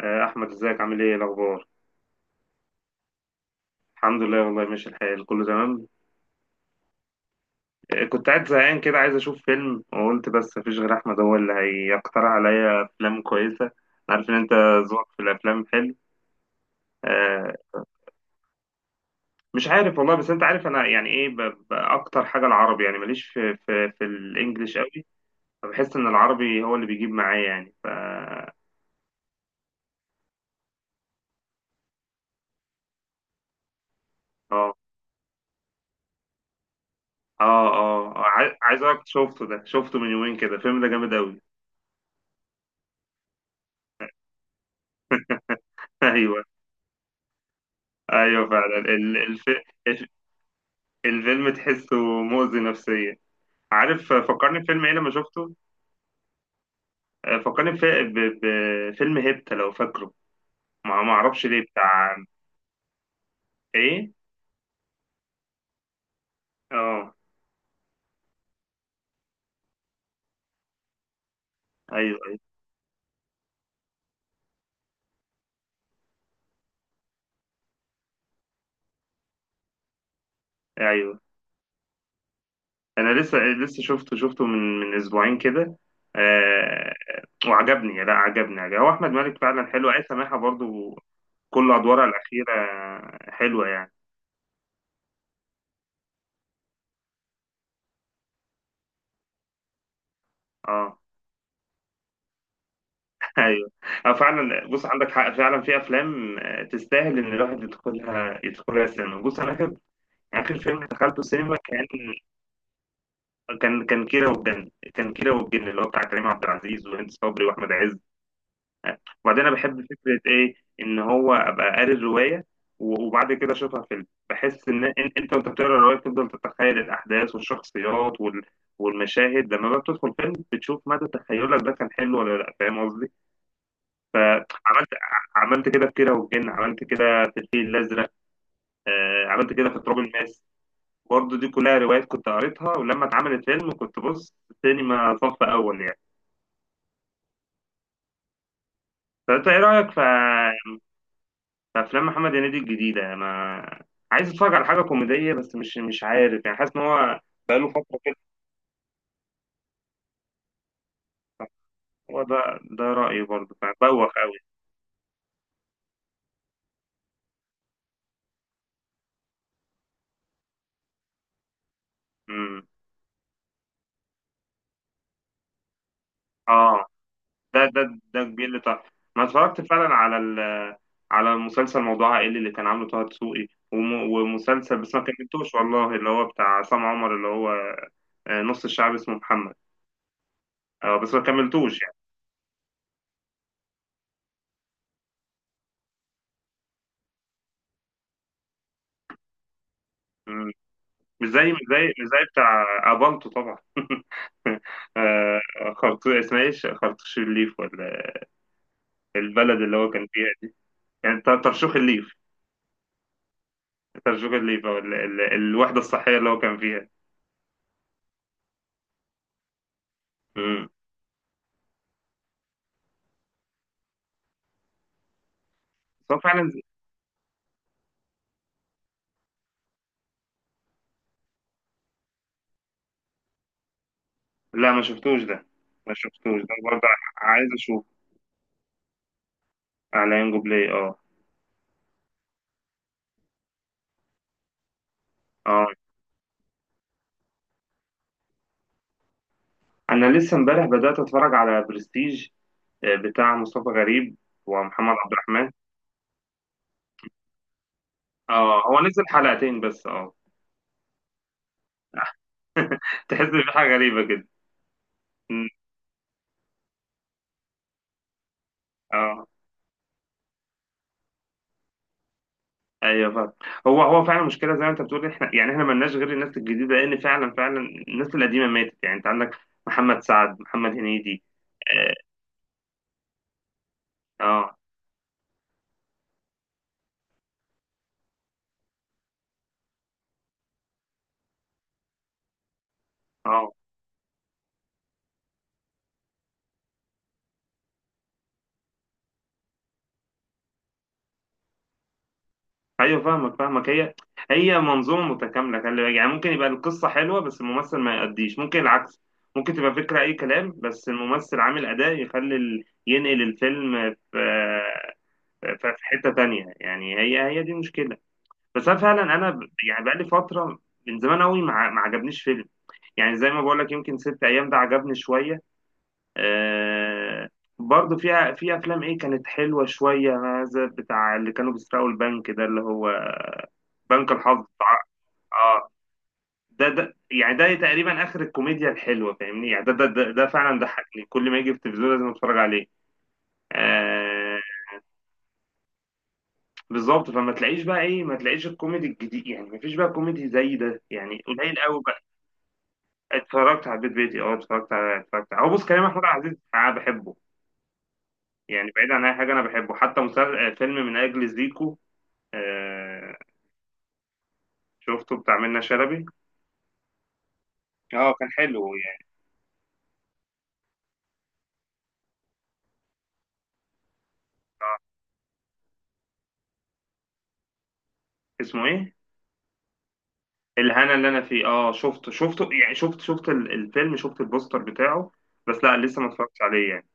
احمد ازيك عامل ايه؟ إيه الاخبار؟ الحمد لله والله، ماشي الحال، كله تمام. كنت قاعد زهقان كده، عايز اشوف فيلم، وقلت بس مفيش غير احمد هو اللي هيقترح عليا افلام كويسه. أنا عارف ان انت ذوقك في الافلام حلو. آه، مش عارف والله، بس انت عارف انا يعني ايه، اكتر حاجه العربي، يعني ماليش في الانجليش قوي. فبحس ان العربي هو اللي بيجيب معايا، يعني ف. اه اه عايز اقولك، شفته، ده شفته من يومين كده، الفيلم ده جامد قوي. ايوه، ايوه فعلا. الفيلم الفيلم تحسه مؤذي نفسيا. عارف فكرني بفيلم ايه لما شفته؟ فكرني بفيلم هيبتا، لو فاكره. ما اعرفش ليه، بتاع ايه. اه، ايوه ايوه ايوه. انا لسه شفته من اسبوعين كده. آه وعجبني، لا عجبني عجبني. هو احمد مالك فعلا حلو، عايز سماحة برضو، كل ادوارها الاخيرة حلوة يعني. اه. ايوه. اه فعلا، بص عندك حق، فعلا في افلام تستاهل ان الواحد يدخلها السينما. بص انا آخر فيلم دخلته السينما كان كيرة والجن كان كيرة والجن اللي هو بتاع كريم عبد العزيز وهند صبري وأحمد عز. وبعدين أنا بحب فكرة إيه، إن هو أبقى قاري الرواية وبعد كده أشوفها فيلم. بحس إن أنت وأنت بتقرا الرواية بتفضل تتخيل الأحداث والشخصيات والمشاهد، لما بقى بتدخل فيلم بتشوف مدى تخيلك ده كان حلو ولا لأ. فاهم قصدي؟ فعملت عملت كده في كيرة والجن، عملت كده في الفيل الأزرق، عملت كده في تراب الماس. برضه دي كلها روايات كنت قريتها، ولما اتعملت فيلم كنت بص سينما صف اول يعني. فانت ايه رايك في افلام محمد هنيدي الجديده؟ ما عايز اتفرج على حاجه كوميديه، بس مش عارف، يعني حاسس ان هو بقاله فتره كده. هو ده رايي برضه، فبوخ قوي. امم اه، ده ده ده كبير اللي طلع. ما اتفرجت فعلا على مسلسل موضوع عائلي اللي كان عامله طه دسوقي، ومسلسل بس ما كملتوش والله، اللي هو بتاع عصام عمر، اللي هو نص الشعب اسمه محمد. اه بس ما كملتوش يعني. مم. مش زي بتاع ابانتو طبعا. آه، خرطوش اسمها ايه، خرطوش الليف، ولا البلد اللي هو كان فيها دي، يعني ترشوخ الليف او الوحده الصحيه اللي هو كان فيها. مم. بس هو فعلا لا، ما شفتوش ده برضه، عايز اشوف. على ينجو بلاي. اه. اه، انا لسه امبارح بدات اتفرج على برستيج، بتاع مصطفى غريب ومحمد عبد الرحمن. اه هو نزل حلقتين بس. اه، تحس ان في حاجه غريبه كده. مم. اه ايوه فعلا. هو فعلا مشكله، زي ما انت بتقول، احنا يعني، احنا مالناش غير الناس الجديده، لان فعلا فعلا الناس القديمه ماتت يعني، انت عندك محمد سعد، محمد هنيدي. اه اه. آه. ايوه فاهمك، هي منظومه متكامله، خلي بالك، يعني ممكن يبقى القصه حلوه بس الممثل ما يأديش، ممكن العكس، ممكن تبقى فكره اي كلام بس الممثل عامل اداء يخلي ينقل الفيلم في في حته تانية يعني. هي دي مشكله. بس انا فعلا، انا يعني بقالي فتره من زمان قوي ما عجبنيش فيلم. يعني زي ما بقول لك، يمكن ست ايام ده عجبني شويه. آه برضه في افلام ايه كانت حلوه شويه. هذا بتاع اللي كانوا بيسرقوا البنك ده، اللي هو بنك الحظ بتاع. اه ده يعني ده تقريبا اخر الكوميديا الحلوه، فاهمني يعني. ده فعلا ضحكني، كل ما يجي في التلفزيون لازم اتفرج عليه. آه بالظبط. فما تلاقيش بقى ايه، ما تلاقيش الكوميدي الجديد يعني، ما فيش بقى كوميدي زي ده يعني، قليل قوي. اتفرجت على البيت بيتي. اه اتفرجت على، هو بص كريم محمود عبد العزيز انا بحبه، يعني بعيد عن اي حاجه انا بحبه، حتى مسلسل فيلم من اجل زيكو. آه شفته بتاع منة شلبي. اه كان حلو يعني. اسمه ايه، الهنا اللي انا فيه. اه شفته، يعني شفت، الفيلم، شفت البوستر بتاعه، بس لا لسه ما اتفرجتش عليه يعني.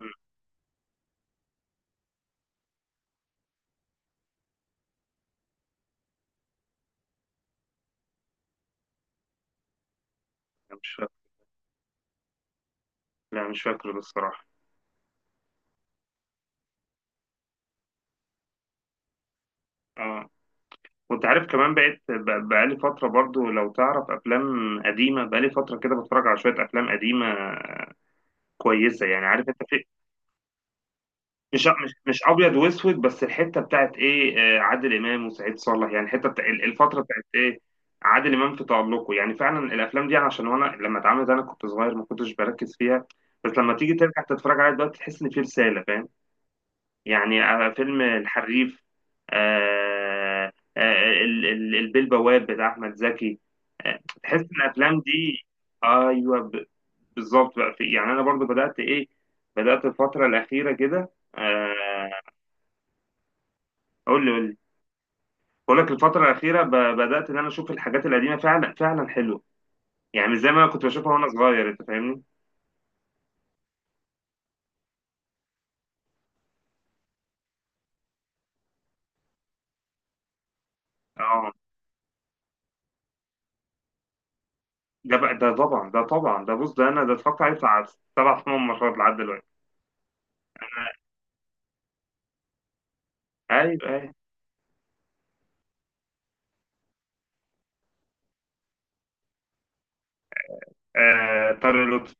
مم، لا، مش فاكر. لا، مش فاكره بالصراحه. اه، وانت عارف كمان بقيت بقالي فتره برضو، لو تعرف افلام قديمه. بقالي فتره كده بتفرج على شويه افلام قديمه كويسه يعني، عارف انت، في مش ابيض واسود، بس الحته بتاعت ايه، عادل امام وسعيد صالح، يعني الحته بتاع الفتره بتاعت ايه، عادل امام في تألقه. يعني فعلا الافلام دي، عشان وانا لما اتعملت انا كنت صغير ما كنتش بركز فيها، بس لما تيجي ترجع تتفرج عليها دلوقتي تحس ان في رساله، فاهم يعني. فيلم الحريف. آه البيه البواب بتاع احمد زكي. تحس ان الافلام دي ايوه، بالظبط بقى. في يعني، انا برضو بدات ايه، بدات الفتره الاخيره كده، قول لي قول لي. بقول لك الفترة الأخيرة بدأت إن أنا أشوف الحاجات القديمة فعلا فعلا حلوة، يعني مش زي ما أنا كنت بشوفها وأنا صغير. أنت فاهمني؟ أه، ده بقى، ده طبعا، ده طبعا، ده بص، ده أنا ده اتفرجت عليه بتاع 7 8 مرات لحد دلوقتي. أيوه أيوه. آه طارق لطفي.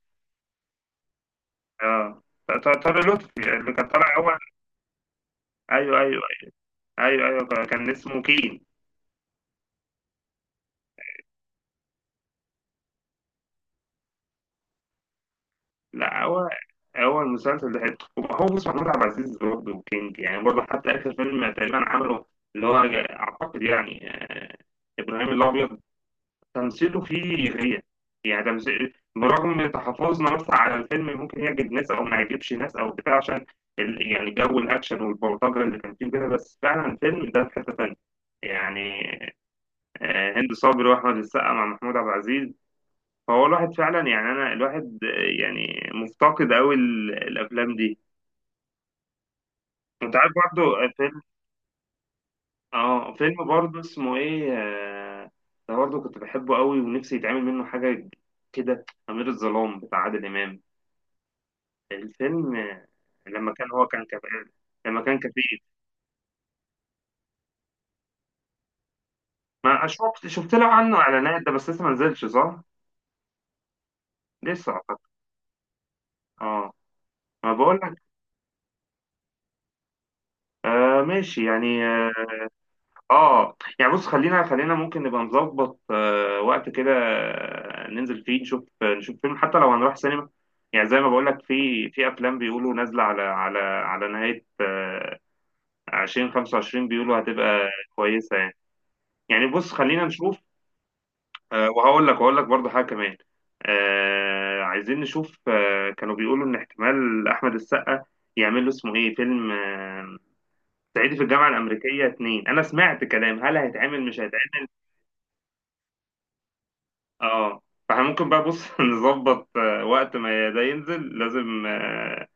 أه، طارق لطفي اللي كان طالع أول. أيوه أيوه أيوه أيوه، كان اسمه كين. لا، هو المسلسل ده حلو. هو بص، محمود عبد العزيز برضه كينج يعني، برضه حتى آخر فيلم تقريبا عمله، اللي هو أعتقد يعني ابراهيم الابيض، تمثيله فيه غير يعني، تمثيل برغم تحفظنا مثلا على الفيلم، ممكن يعجب ناس او ما يعجبش ناس، او بتاع، عشان يعني جو الاكشن والبلطجه اللي كان فيه كده، بس فعلا الفيلم ده في حته تانيه يعني. هند صبري واحمد السقا مع محمود عبد العزيز، فهو الواحد فعلا يعني، انا الواحد يعني مفتقد قوي الافلام دي. انت عارف برضه فيلم برضه اسمه ايه، ده برضه كنت بحبه قوي ونفسي يتعمل منه حاجه كده، امير الظلام بتاع عادل امام، الفيلم لما كان هو لما كان كفيف. ما شفت، له عنه اعلانات ده، بس لسه ما نزلش صح؟ لسه اعتقد. اه، ما بقول لك. ماشي يعني. اه. يعني بص، خلينا، ممكن نبقى نظبط وقت كده، ننزل فيه نشوف، فيلم، حتى لو هنروح سينما يعني، زي ما بقول لك في افلام بيقولوا نازله على نهايه 2025، بيقولوا هتبقى كويسه يعني. يعني بص خلينا نشوف. وهقول لك، برضه حاجه كمان. عايزين نشوف. كانوا بيقولوا ان احتمال احمد السقا يعمل له اسمه ايه، فيلم صعيدي في الجامعه الامريكيه 2. انا سمعت كلام، هل هيتعمل مش هيتعمل؟ اه. فاحنا ممكن بقى، بص، نظبط وقت ما ده ينزل لازم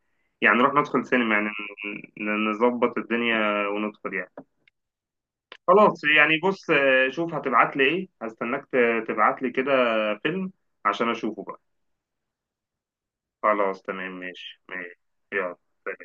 يعني نروح ندخل سينما يعني، نظبط الدنيا وندخل يعني. خلاص يعني، بص، شوف هتبعت لي ايه، هستناك تبعت لي كده فيلم عشان اشوفه بقى. خلاص تمام، ماشي ماشي. يلا.